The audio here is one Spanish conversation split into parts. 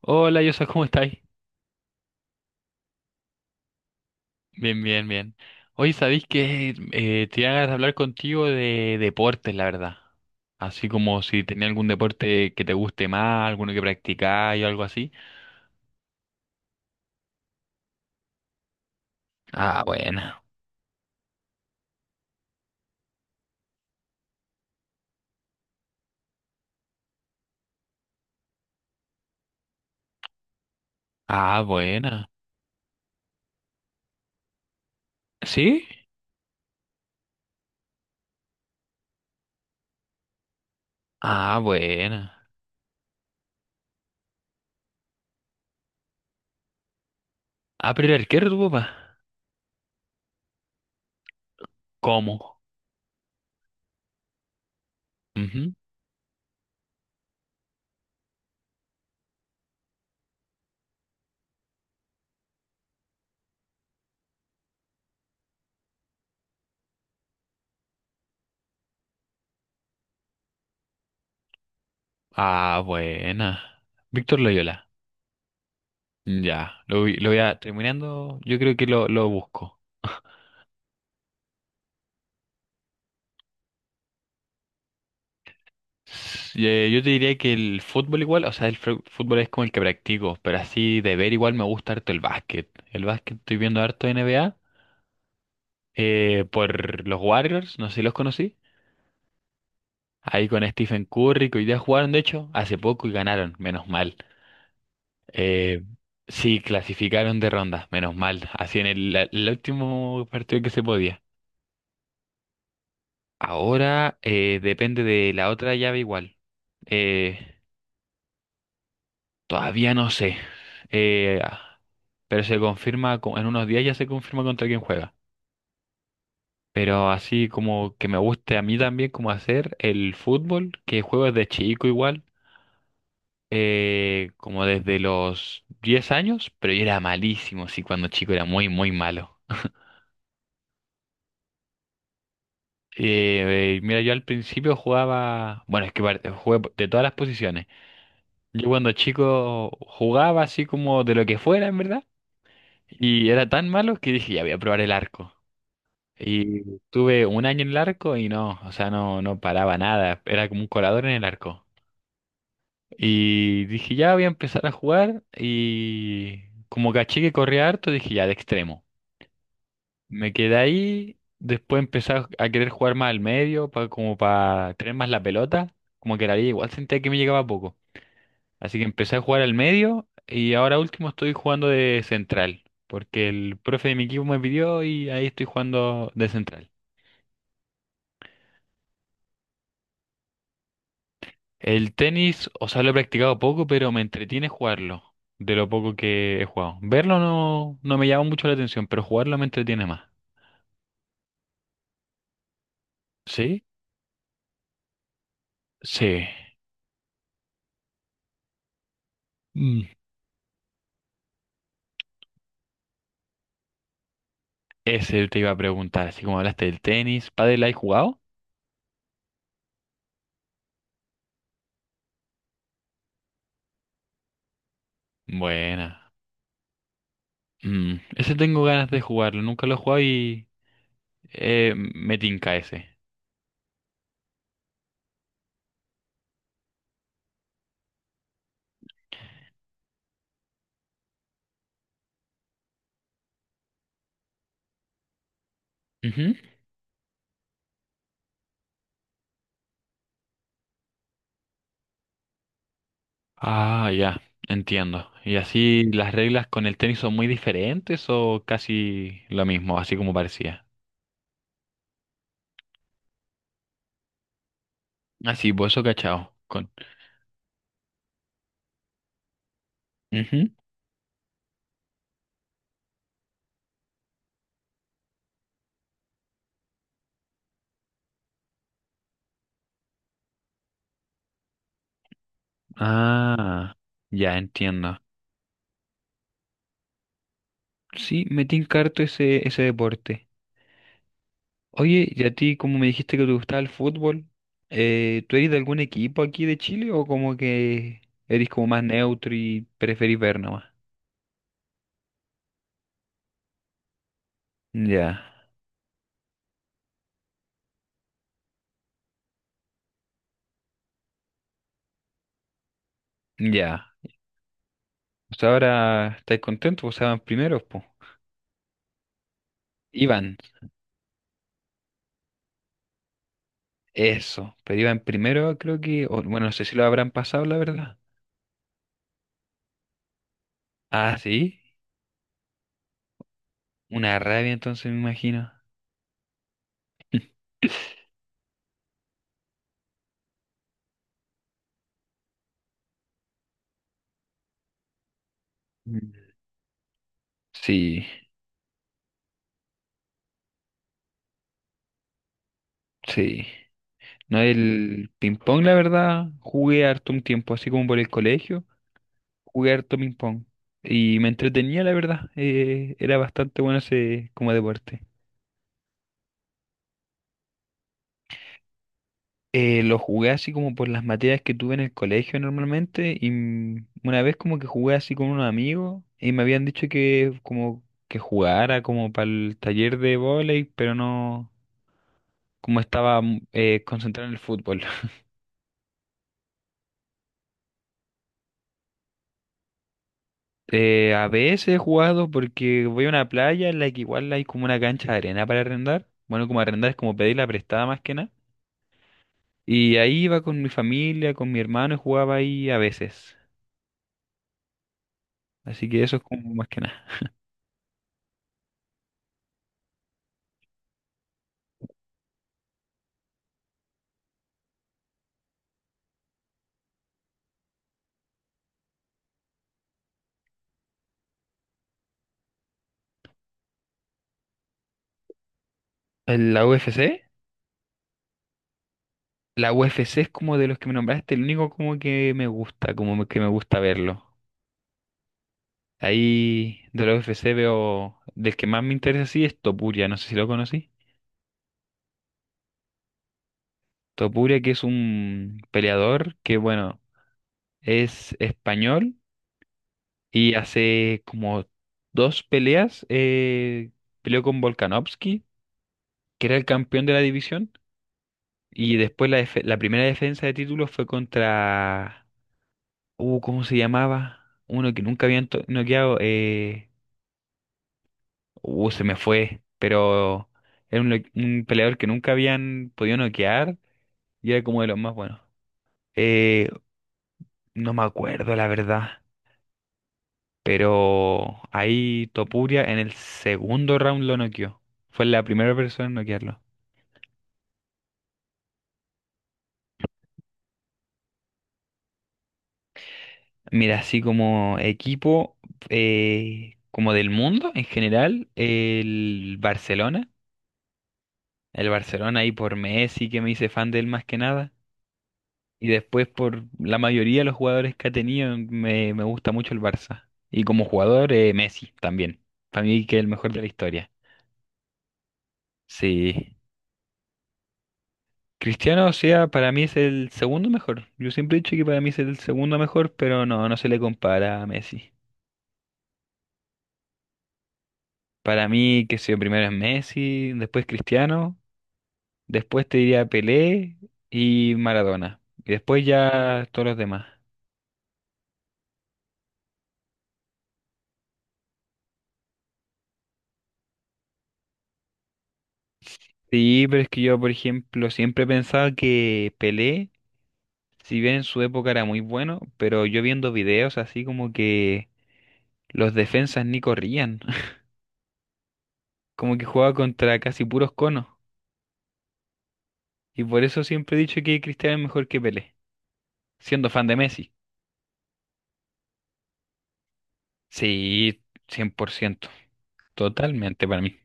Hola, Yosa, ¿cómo estáis? Bien, bien, bien. Hoy sabéis que tenía ganas de hablar contigo de deportes, la verdad. Así como si tenía algún deporte que te guste más, alguno que practicáis o algo así. Ah, buena. Ah, buena. ¿Sí? Ah, buena. Ah, pero el arquero, tu papá. ¿Cómo? Ujú. Ah, buena. Víctor Loyola. Ya, lo voy a terminando. Yo creo que lo busco. Yo te diría que el fútbol igual, o sea, el fútbol es como el que practico, pero así de ver igual me gusta harto el básquet. El básquet estoy viendo harto N NBA, por los Warriors, no sé si los conocí. Ahí con Stephen Curry, que hoy día jugaron de hecho hace poco y ganaron, menos mal. Eh, sí, clasificaron de ronda, menos mal. Así en el último partido que se podía. Ahora depende de la otra llave igual. Eh, Todavía no sé. Eh, pero se confirma, en unos días ya se confirma contra quién juega. Pero así como que me guste a mí también como hacer el fútbol, que juego desde chico igual, como desde los 10 años, pero yo era malísimo, sí, cuando chico era muy, muy malo. Mira, yo al principio jugaba, bueno, es que jugué de todas las posiciones. Yo cuando chico jugaba así como de lo que fuera, en verdad, y era tan malo que dije, ya voy a probar el arco. Y tuve un año en el arco y no, o sea, no, no paraba nada, era como un colador en el arco. Y dije, ya voy a empezar a jugar y como caché que corría harto, dije, ya, de extremo. Me quedé ahí, después empecé a querer jugar más al medio, como para tener más la pelota, como que la liga igual sentía que me llegaba poco. Así que empecé a jugar al medio y ahora último estoy jugando de central, porque el profe de mi equipo me pidió y ahí estoy jugando de central. El tenis, o sea, lo he practicado poco, pero me entretiene jugarlo, de lo poco que he jugado. Verlo no, no me llama mucho la atención, pero jugarlo me entretiene más. ¿Sí? Sí. Mm. Ese te iba a preguntar, así como hablaste del tenis, ¿pádel has jugado? Buena. Mm, ese tengo ganas de jugarlo, nunca lo he jugado y me tinca ese. Ujú. Ah, ya, entiendo. ¿Y así las reglas con el tenis son muy diferentes o casi lo mismo, así como parecía? Así, bozo cachado. Con... Ujú. Ah, ya entiendo. Sí, me tinca harto ese, ese deporte. Oye, y a ti, como me dijiste que te gustaba el fútbol, ¿tú eres de algún equipo aquí de Chile o como que eres como más neutro y preferís ver nomás? Ya, ya. Pues ahora estáis contentos, pues estaban primeros, pues. Iban, eso. Pero iban primero, creo que. Bueno, no sé si lo habrán pasado, la verdad. Ah, sí. Una rabia, entonces me imagino. Mm. Sí, sí. No, el ping pong, la verdad, jugué harto un tiempo, así como por el colegio, jugué harto ping pong. Y me entretenía, la verdad. Era bastante bueno ese como deporte. Lo jugué así como por las materias que tuve en el colegio normalmente. Y una vez como que jugué así con unos amigos y me habían dicho que como que jugara como para el taller de vóley, pero no, como estaba concentrado en el fútbol. A veces he jugado porque voy a una playa en la que igual hay como una cancha de arena para arrendar. Bueno, como arrendar es como pedirla prestada más que nada. Y ahí iba con mi familia, con mi hermano y jugaba ahí a veces. Así que eso es como más que nada. ¿En ¿La UFC? La UFC es como de los que me nombraste, el único como que me gusta, como que me gusta verlo. Ahí de la UFC veo, del que más me interesa sí es Topuria, no sé si lo conocí. Topuria que es un peleador que bueno, es español. Y hace como dos peleas, peleó con Volkanovski, que era el campeón de la división. Y después la primera defensa de título fue contra... ¿cómo se llamaba? Uno que nunca habían noqueado. Se me fue. Pero era un peleador que nunca habían podido noquear y era como de los más buenos. Eh, no me acuerdo, la verdad. Pero ahí Topuria en el segundo round lo noqueó. Fue la primera persona en noquearlo. Mira, así como equipo, como del mundo en general, el Barcelona. El Barcelona ahí por Messi, que me hice fan de él más que nada. Y después por la mayoría de los jugadores que ha tenido, me gusta mucho el Barça. Y como jugador, Messi también. Para mí que es el mejor de la historia. Sí. Cristiano, o sea, para mí es el segundo mejor. Yo siempre he dicho que para mí es el segundo mejor, pero no, no se le compara a Messi. Para mí, que sé yo, primero es Messi, después Cristiano, después te diría Pelé y Maradona. Y después ya todos los demás. Sí, pero es que yo, por ejemplo, siempre pensaba que Pelé, si bien en su época era muy bueno, pero yo viendo videos así como que los defensas ni corrían, como que jugaba contra casi puros conos. Y por eso siempre he dicho que Cristiano es mejor que Pelé, siendo fan de Messi. Sí, 100 por ciento totalmente para mí.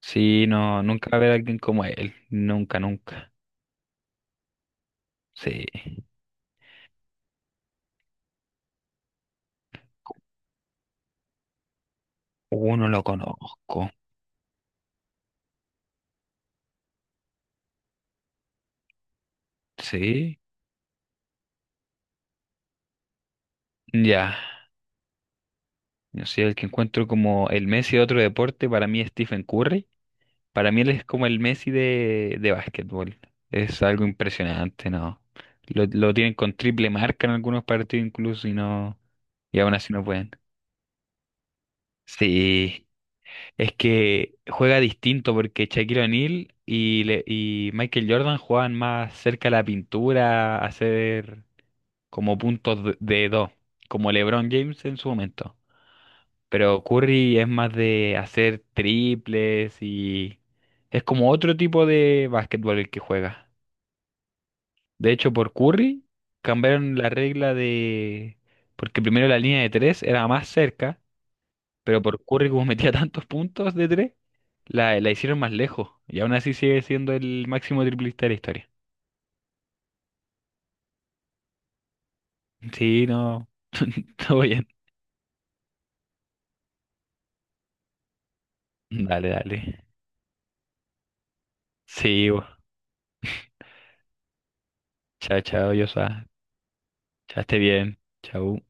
Sí, no, nunca va a haber alguien como él, nunca, nunca. Sí, uno lo conozco. Sí, ya. Yo soy el que encuentro como el Messi de otro deporte, para mí es Stephen Curry. Para mí él es como el Messi de básquetbol. Es algo impresionante, ¿no? Lo tienen con triple marca en algunos partidos incluso y no, y aún así no pueden. Sí, es que juega distinto porque Shaquille O'Neal y, y Michael Jordan juegan más cerca a la pintura, a hacer como puntos de dos, como LeBron James en su momento. Pero Curry es más de hacer triples y es como otro tipo de básquetbol el que juega. De hecho, por Curry cambiaron la regla de... porque primero la línea de tres era más cerca. Pero por Curry, como metía tantos puntos de tres, la hicieron más lejos. Y aún así sigue siendo el máximo triplista de la historia. Sí, no. Todo bien. Dale, dale. Sí, bo. Chao, chao, Yosa. Chao, esté bien. Chao.